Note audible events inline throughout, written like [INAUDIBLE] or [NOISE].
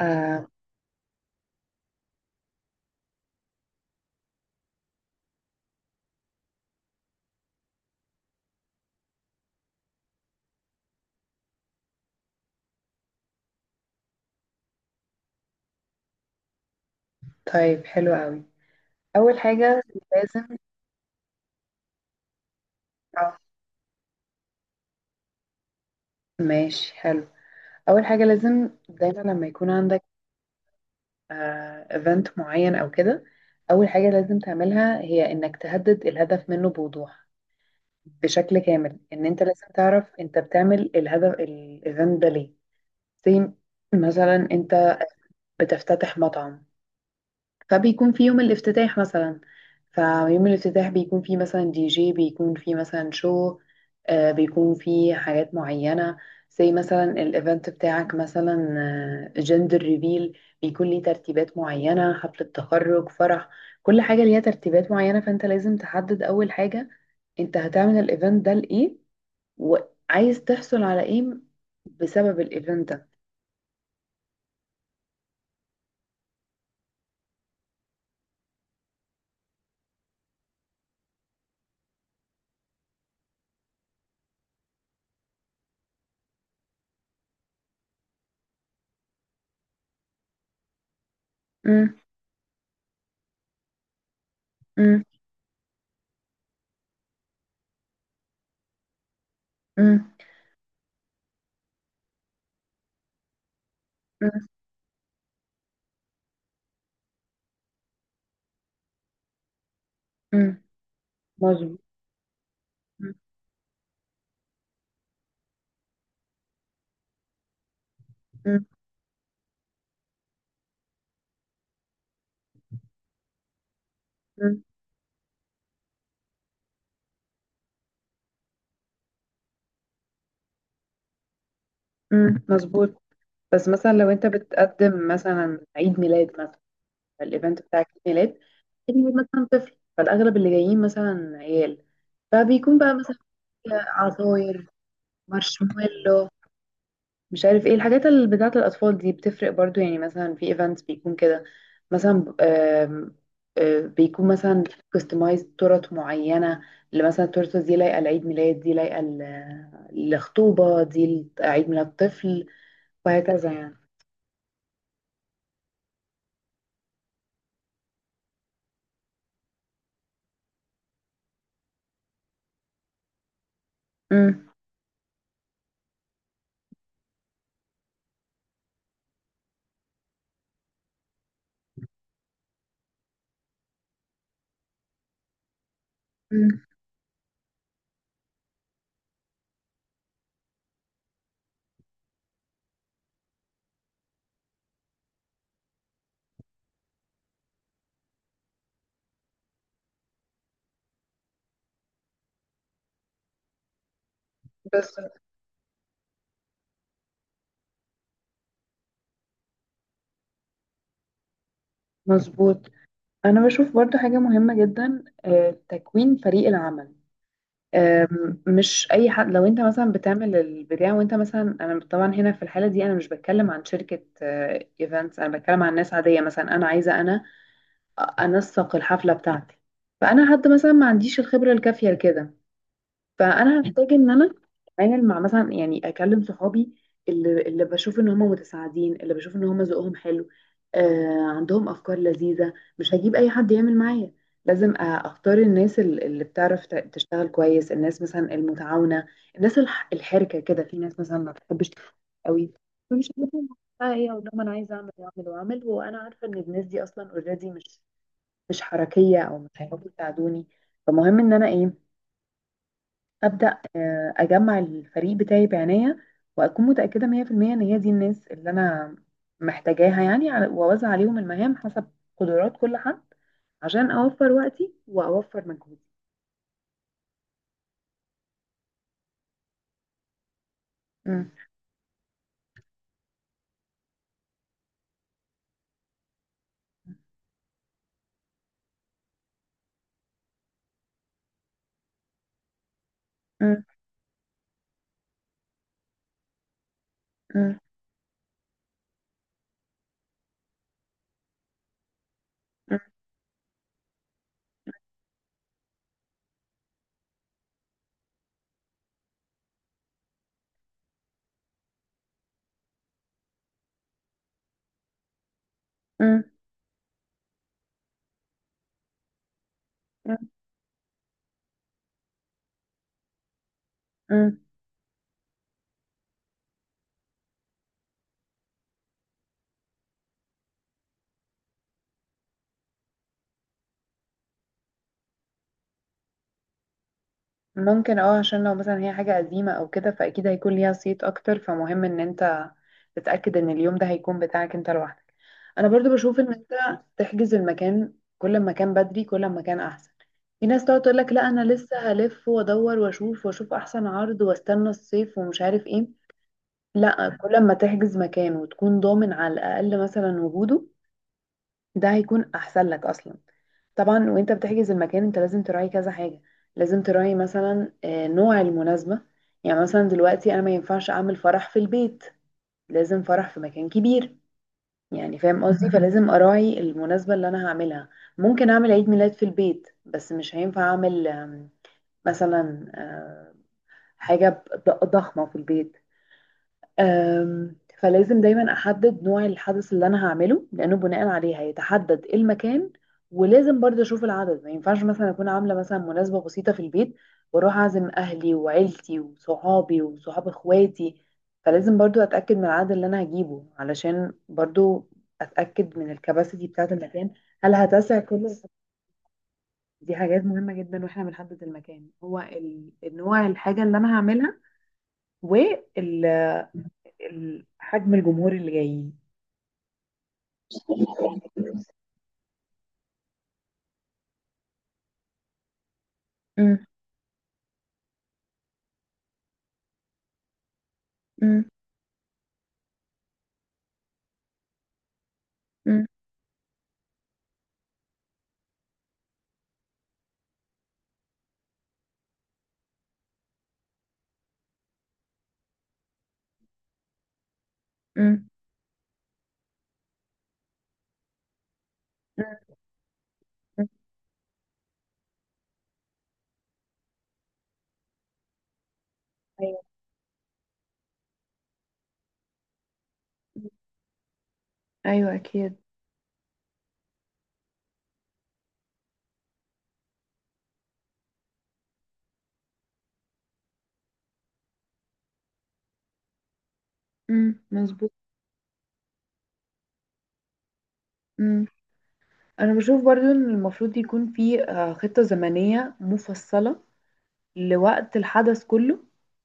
آه. طيب، حلو قوي. اول حاجه لازم اه ماشي حلو اول حاجه لازم دايما لما يكون عندك ايفنت معين او كده، اول حاجه لازم تعملها هي انك تهدد الهدف منه بوضوح، بشكل كامل. ان انت لازم تعرف انت بتعمل الهدف الايفنت ده ليه. زي مثلا انت بتفتتح مطعم، فبيكون في يوم الافتتاح مثلا، فيوم الافتتاح بيكون فيه مثلا دي جي، بيكون فيه مثلا شو، بيكون فيه حاجات معينة. زي مثلا الايفنت بتاعك مثلا جندر ريفيل بيكون ليه ترتيبات معينة، حفلة تخرج، فرح، كل حاجة ليها ترتيبات معينة. فانت لازم تحدد اول حاجة انت هتعمل الايفنت ده لإيه، وعايز تحصل على ايه بسبب الايفنت ده. مم، مم، مم، مم، مم. مظبوط. [LAUGHS] مظبوط. بس مثلا لو انت بتقدم مثلا عيد ميلاد، مثلا الايفنت بتاع عيد ميلاد، عيد ميلاد مثلا طفل، فالاغلب اللي جايين مثلا عيال، فبيكون بقى مثلا فيها عصاير، مارشميلو، مش عارف ايه الحاجات اللي بتاعه الاطفال دي. بتفرق برضو، يعني مثلا في ايفنتس بيكون كده. مثلا آم، آه، بيكون مثلا كاستمايز تورت معينه، اللي مثلا التورته دي لايقه لعيد ميلاد، دي لايقه لخطوبه، دي لعيد ميلاد طفل، وهكذا يعني. مم. مم. بس مظبوط. انا بشوف برضو حاجة مهمة جدا، تكوين فريق العمل. مش اي حد. لو انت مثلا بتعمل البتاع وانت مثلا، انا طبعا هنا في الحالة دي انا مش بتكلم عن شركة ايفنتس، انا بتكلم عن ناس عادية. مثلا انا عايزة انا انسق الحفلة بتاعتي، فانا حد مثلا ما عنديش الخبرة الكافية لكده، فانا هحتاج ان انا اتعامل مع مثلا، يعني اكلم صحابي اللي بشوف ان هم متساعدين، اللي بشوف ان هم ذوقهم حلو، آه عندهم افكار لذيذه. مش هجيب اي حد يعمل معايا. لازم اختار الناس اللي بتعرف تشتغل كويس، الناس مثلا المتعاونه، الناس الحركه كده. في ناس مثلا ما بتحبش تشتغل قوي، فمش هجيبهم بقى ايه اقول لهم انا عايزه اعمل واعمل واعمل وانا عارفه ان الناس دي اصلا اوريدي مش حركيه او مش هيعرفوا يساعدوني. فمهم ان انا ايه، ابدا اجمع الفريق بتاعي بعناية، واكون متأكدة 100% ان هي دي الناس اللي انا محتاجاها، يعني واوزع عليهم المهام حسب قدرات كل حد، عشان اوفر وقتي واوفر مجهودي. مم. مم. مم. مم. مم. مم. ممكن اه، عشان لو مثلا هي حاجة قديمة او كده فاكيد هيكون ليها صيت اكتر. فمهم ان انت تتأكد ان اليوم ده هيكون بتاعك انت لوحدك. انا برضو بشوف ان انت تحجز المكان، كل ما كان بدري كل ما كان احسن. في ناس تقعد تقول لك لا انا لسه هلف وادور واشوف واشوف احسن عرض واستنى الصيف ومش عارف ايه. لا، كل ما تحجز مكان وتكون ضامن على الاقل مثلا وجوده، ده هيكون احسن لك اصلا. طبعا وانت بتحجز المكان انت لازم تراعي كذا حاجة. لازم تراعي مثلا نوع المناسبة. يعني مثلا دلوقتي انا ما ينفعش اعمل فرح في البيت، لازم فرح في مكان كبير. يعني فاهم قصدي؟ مهم. فلازم اراعي المناسبة اللي انا هعملها. ممكن اعمل عيد ميلاد في البيت، بس مش هينفع اعمل آم، مثلا آه، حاجة ضخمة في البيت. أم، فلازم دايما احدد نوع الحدث اللي انا هعمله، لانه بناء عليه هيتحدد إيه المكان. ولازم برضه اشوف العدد. ما ينفعش مثلا اكون عامله مثلا مناسبه بسيطه في البيت واروح اعزم اهلي وعيلتي وصحابي وصحاب اخواتي. فلازم برضه اتاكد من العدد اللي انا هجيبه، علشان برضه اتاكد من الكباسيتي بتاعه المكان. هل هتسع كل، دي حاجات مهمه جدا. واحنا بنحدد المكان هو النوع الحاجه اللي انا هعملها، وال- ال- حجم الجمهور اللي جايين. مم. مم. مم. مم. مم. ايوه. ايوه اكيد. مم. مظبوط. مم. انا بشوف برضو ان المفروض يكون في خطة زمنية مفصلة لوقت الحدث كله،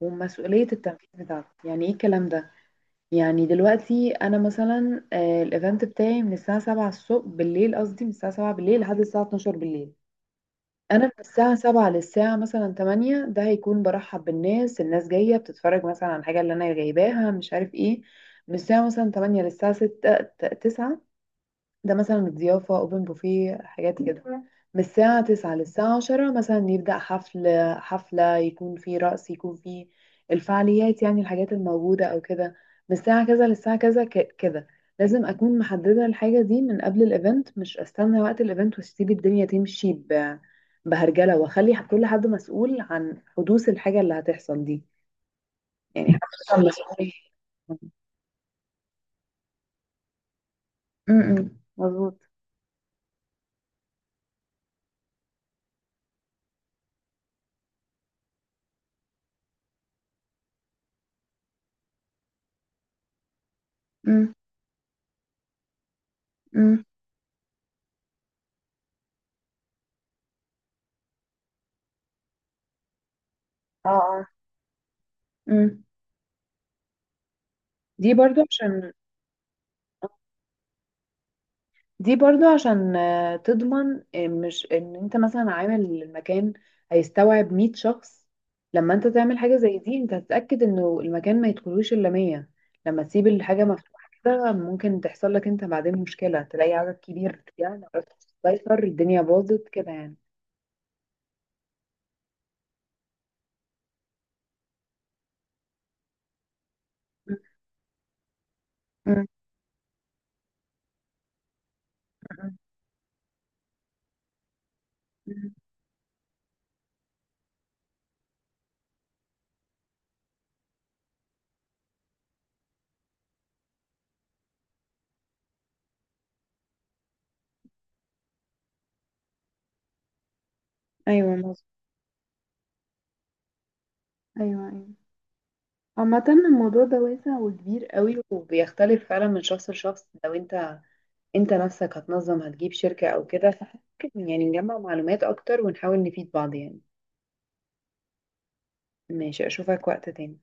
ومسؤولية التنفيذ بتاعته. يعني ايه الكلام ده؟ يعني دلوقتي انا مثلا الايفنت بتاعي من الساعة 7 الصبح بالليل، قصدي من الساعة 7 بالليل لحد الساعة 12 بالليل. انا من الساعة 7 للساعة مثلا 8، ده هيكون برحب بالناس، الناس جاية بتتفرج مثلا على الحاجة اللي انا جايباها مش عارف ايه. من الساعة مثلا 8 للساعة 9، ده مثلا الضيافة، اوبن بوفيه، حاجات كده. مم. من الساعة 9 للساعة 10 مثلا يبدأ حفل، حفلة، يكون فيه رقص، يكون فيه الفعاليات، يعني الحاجات الموجودة أو كده. من الساعة كذا للساعة كذا، كده. لازم أكون محددة الحاجة دي من قبل الإيفنت، مش أستنى وقت الإيفنت وأسيب الدنيا تمشي بهرجلة، وأخلي كل حد مسؤول عن حدوث الحاجة اللي هتحصل دي. يعني حد مثلا مسؤول م- م. مظبوط. م- م. اه اه. م. دي برضو عشان دي برضو عشان تضمن آه، مش ان انت مثلا عامل المكان هيستوعب 100 شخص. لما انت تعمل حاجة زي دي انت هتتأكد انه المكان ما يدخلوش الا 100. لما تسيب الحاجة مفتوحة كده ممكن تحصل لك انت بعدين مشكلة، تلاقي عدد كبير يعني ما عرفتش تسيطر، الدنيا باظت كده يعني. م- م- م- م. ايوه مظبوط. ايوه ايوه. عامة الموضوع ده واسع وكبير قوي، وبيختلف فعلا من شخص لشخص. لو انت انت نفسك هتنظم، هتجيب شركة او كده، فممكن يعني نجمع معلومات اكتر ونحاول نفيد بعض يعني. ماشي. اشوفك وقت تاني.